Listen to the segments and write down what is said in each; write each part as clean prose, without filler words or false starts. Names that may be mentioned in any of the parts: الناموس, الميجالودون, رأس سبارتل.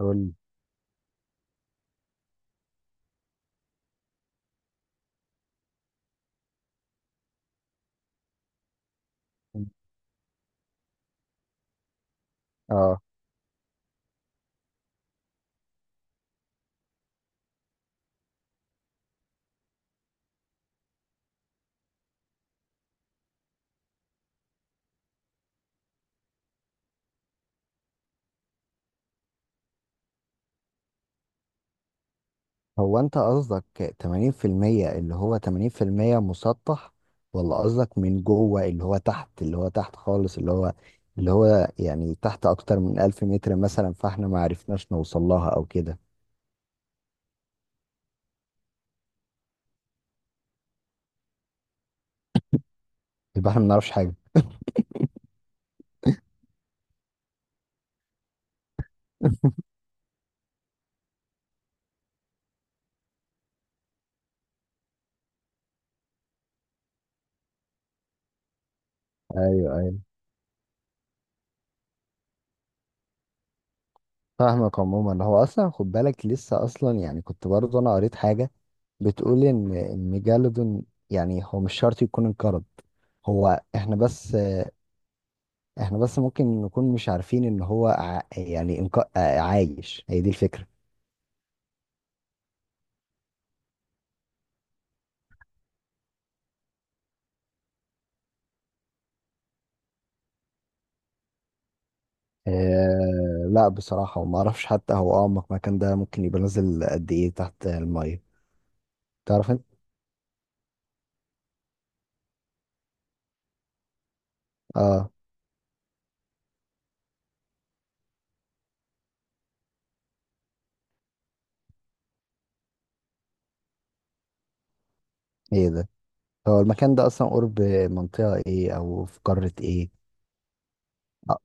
قول اه هو انت قصدك 80%؟ اللي هو 80% مسطح، ولا قصدك من جوه اللي هو تحت، اللي هو تحت خالص، اللي هو اللي هو يعني تحت اكتر من 1000 متر مثلا، فاحنا ما عرفناش نوصل لها او كده. يبقى احنا ما نعرفش حاجه. ايوه ايوه، فاهمك. عموما هو اصلا خد بالك، لسه اصلا يعني كنت برضه انا قريت حاجه بتقول ان الميجالودون، يعني هو مش شرط يكون انقرض. هو احنا بس، احنا بس ممكن نكون مش عارفين ان هو يعني عايش. هي دي الفكرة. لا بصراحة، وما اعرفش حتى هو اعمق مكان ده ممكن يبقى نازل قد ايه تحت المية. تعرف انت. اه. ايه ده؟ هو المكان ده اصلا قرب منطقة ايه، او في قارة ايه؟ اه.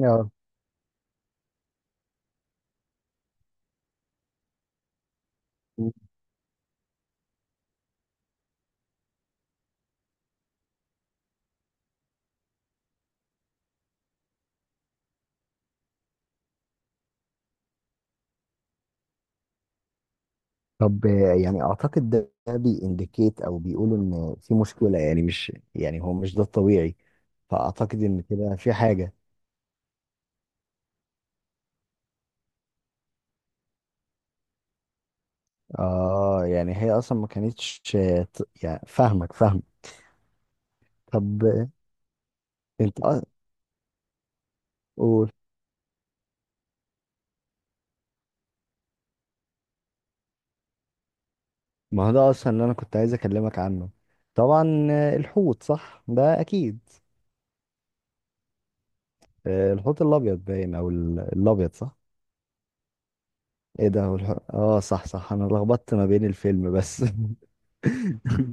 آه. طب، يعني اعتقد ده بيindicate او بيقولوا ان في مشكلة، يعني مش يعني هو مش ده الطبيعي. فاعتقد ان كده في حاجة. اه يعني هي اصلا ما كانتش يعني فاهمك فاهمك. طب انت قول. ما هو ده اصلا اللي انا كنت عايز اكلمك عنه. طبعا الحوت صح ده اكيد. الحوت الابيض باين، او الابيض صح. ايه ده؟ هو اه صح صح، انا لخبطت ما بين الفيلم بس.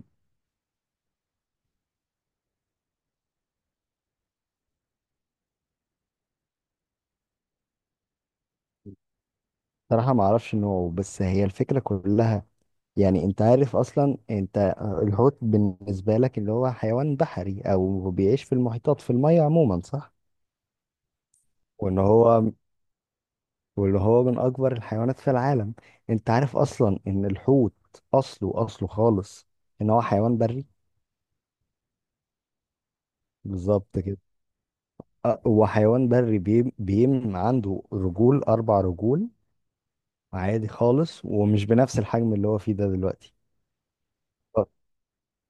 صراحة ما اعرفش نوعه، بس هي الفكرة كلها. يعني انت عارف اصلا انت، الحوت بالنسبة لك اللي هو حيوان بحري او بيعيش في المحيطات في المية عموما صح؟ وان هو، واللي هو من اكبر الحيوانات في العالم. انت عارف اصلا ان الحوت اصله خالص، ان هو حيوان بري. بالظبط كده. هو حيوان بري بيم عنده رجول، اربع رجول، عادي خالص. ومش بنفس الحجم اللي هو فيه ده دلوقتي. أه،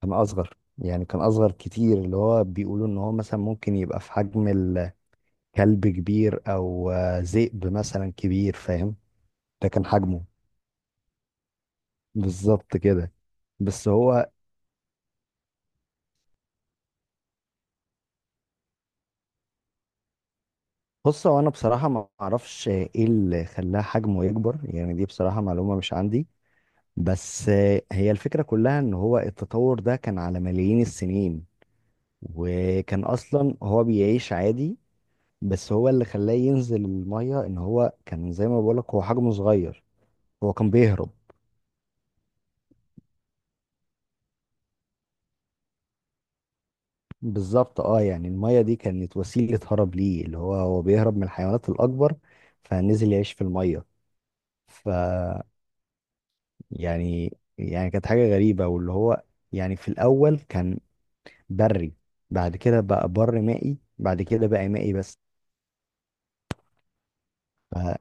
كان اصغر، يعني كان اصغر كتير. اللي هو بيقولوا ان هو مثلا ممكن يبقى في حجم الكلب كبير، او ذئب مثلا كبير فاهم. ده كان حجمه. بالظبط كده. بس هو بص، هو انا بصراحه ما اعرفش ايه اللي خلاها حجمه يكبر. يعني دي بصراحه معلومه مش عندي. بس هي الفكره كلها ان هو التطور ده كان على ملايين السنين. وكان اصلا هو بيعيش عادي. بس هو اللي خلاه ينزل الميه، ان هو كان زي ما بقولك هو حجمه صغير، هو كان بيهرب. بالظبط اه. يعني الميه دي كانت وسيله هرب ليه، اللي هو هو بيهرب من الحيوانات الاكبر، فنزل يعيش في الميه. ف، يعني يعني كانت حاجة غريبة واللي هو يعني في الأول كان بري، بعد كده بقى بر مائي، بعد كده بقى مائي بس. ف...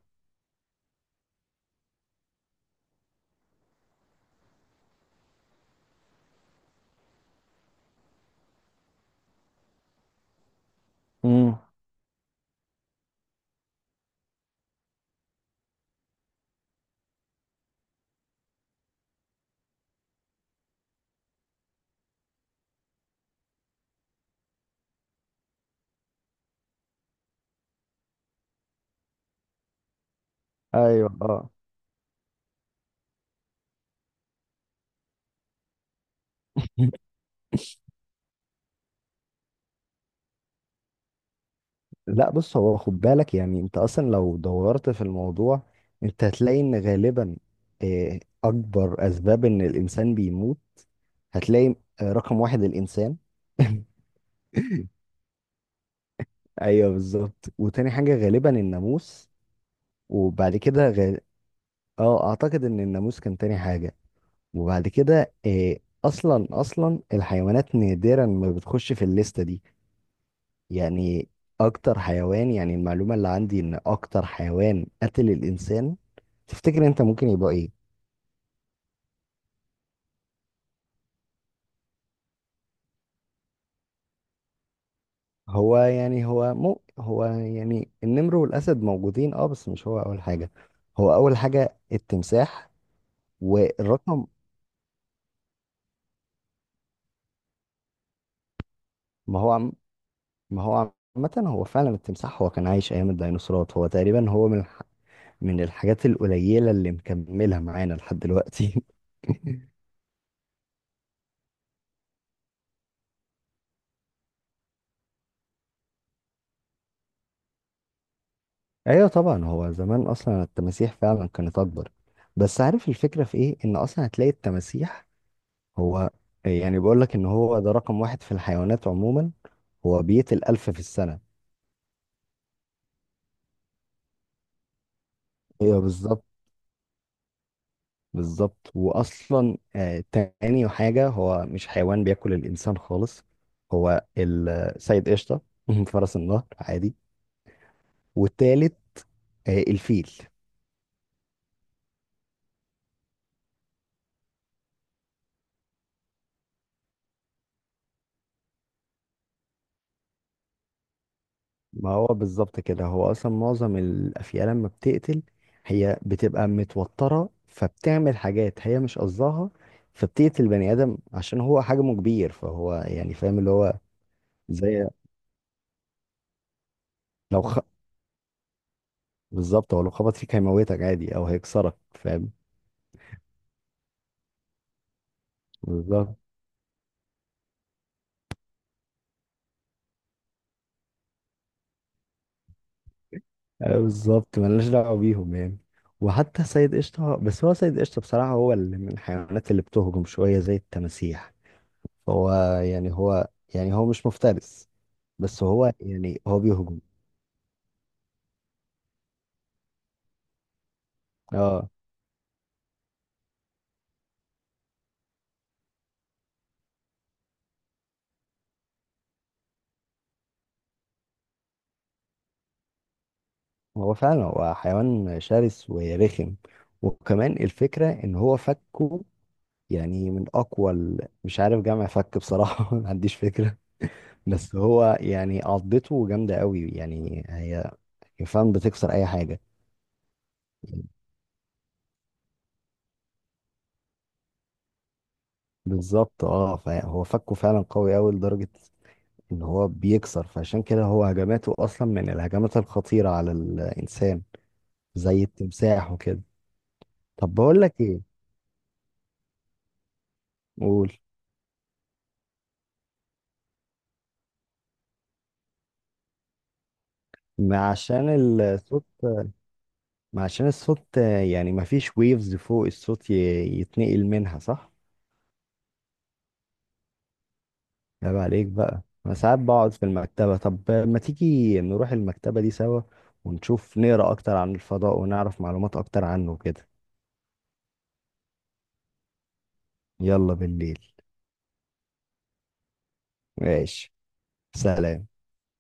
امم. ايوه اه. لا بص، هو خد بالك يعني. انت اصلا لو دورت في الموضوع انت هتلاقي ان غالبا اكبر اسباب ان الانسان بيموت، هتلاقي رقم واحد الانسان. ايوه بالظبط. وتاني حاجة غالبا الناموس. وبعد كده اه اعتقد ان الناموس كان تاني حاجة. وبعد كده اصلا الحيوانات نادرا ما بتخش في الليسته دي. يعني اكتر حيوان، يعني المعلومه اللي عندي ان اكتر حيوان قتل الانسان تفتكر انت ممكن يبقى ايه؟ هو يعني النمر والاسد موجودين اه، بس مش هو اول حاجه. هو اول حاجه التمساح. والرقم ما هو عم ما هو عامه هو فعلا التمساح، هو كان عايش ايام الديناصورات. هو تقريبا هو من الحاجات القليلة اللي مكملة معانا لحد دلوقتي. ايوه طبعا. هو زمان اصلا التماسيح فعلا كانت اكبر. بس عارف الفكرة في ايه؟ ان اصلا هتلاقي التماسيح هو يعني، بيقول لك ان هو ده رقم واحد في الحيوانات عموما، هو بيقتل 1000 في السنة. ايوه بالظبط. بالظبط واصلا آه، تاني حاجة هو مش حيوان بياكل الانسان خالص. هو السيد قشطة. فرس النهر عادي. والتالت آه الفيل. ما هو بالظبط كده، هو اصلا معظم الافيال لما بتقتل هي بتبقى متوتره، فبتعمل حاجات هي مش قصدها، فبتقتل بني ادم عشان هو حجمه كبير، فهو يعني فاهم اللي هو. زي لو خ... بالظبط هو لو خبط فيك هيموتك عادي، او هيكسرك فاهم. بالظبط. أيوة بالظبط، ملناش دعوه بيهم يعني. وحتى سيد قشطه، بس هو سيد قشطه بصراحه هو اللي من الحيوانات اللي بتهجم شويه زي التماسيح. هو يعني هو مش مفترس. بس هو يعني هو بيهجم. اه هو فعلا هو حيوان شرس ورخم. وكمان الفكرة ان هو فكه، يعني من اقوى مش عارف جمع فك بصراحة. ما عنديش فكرة. بس هو يعني عضته جامدة قوي، يعني هي فعلا بتكسر اي حاجة. بالظبط اه. فهو فكه فعلا قوي قوي لدرجة ان هو بيكسر. فعشان كده هو هجماته اصلا من الهجمات الخطيرة على الانسان، زي التمساح وكده. طب بقول لك ايه. قول. ما عشان الصوت ما عشان الصوت يعني ما فيش ويفز فوق الصوت يتنقل منها صح. عيب عليك بقى. انا ساعات بقعد في المكتبة، طب ما تيجي نروح المكتبة دي سوا ونشوف نقرا اكتر عن الفضاء ونعرف معلومات اكتر عنه كده. يلا بالليل. ماشي. سلام.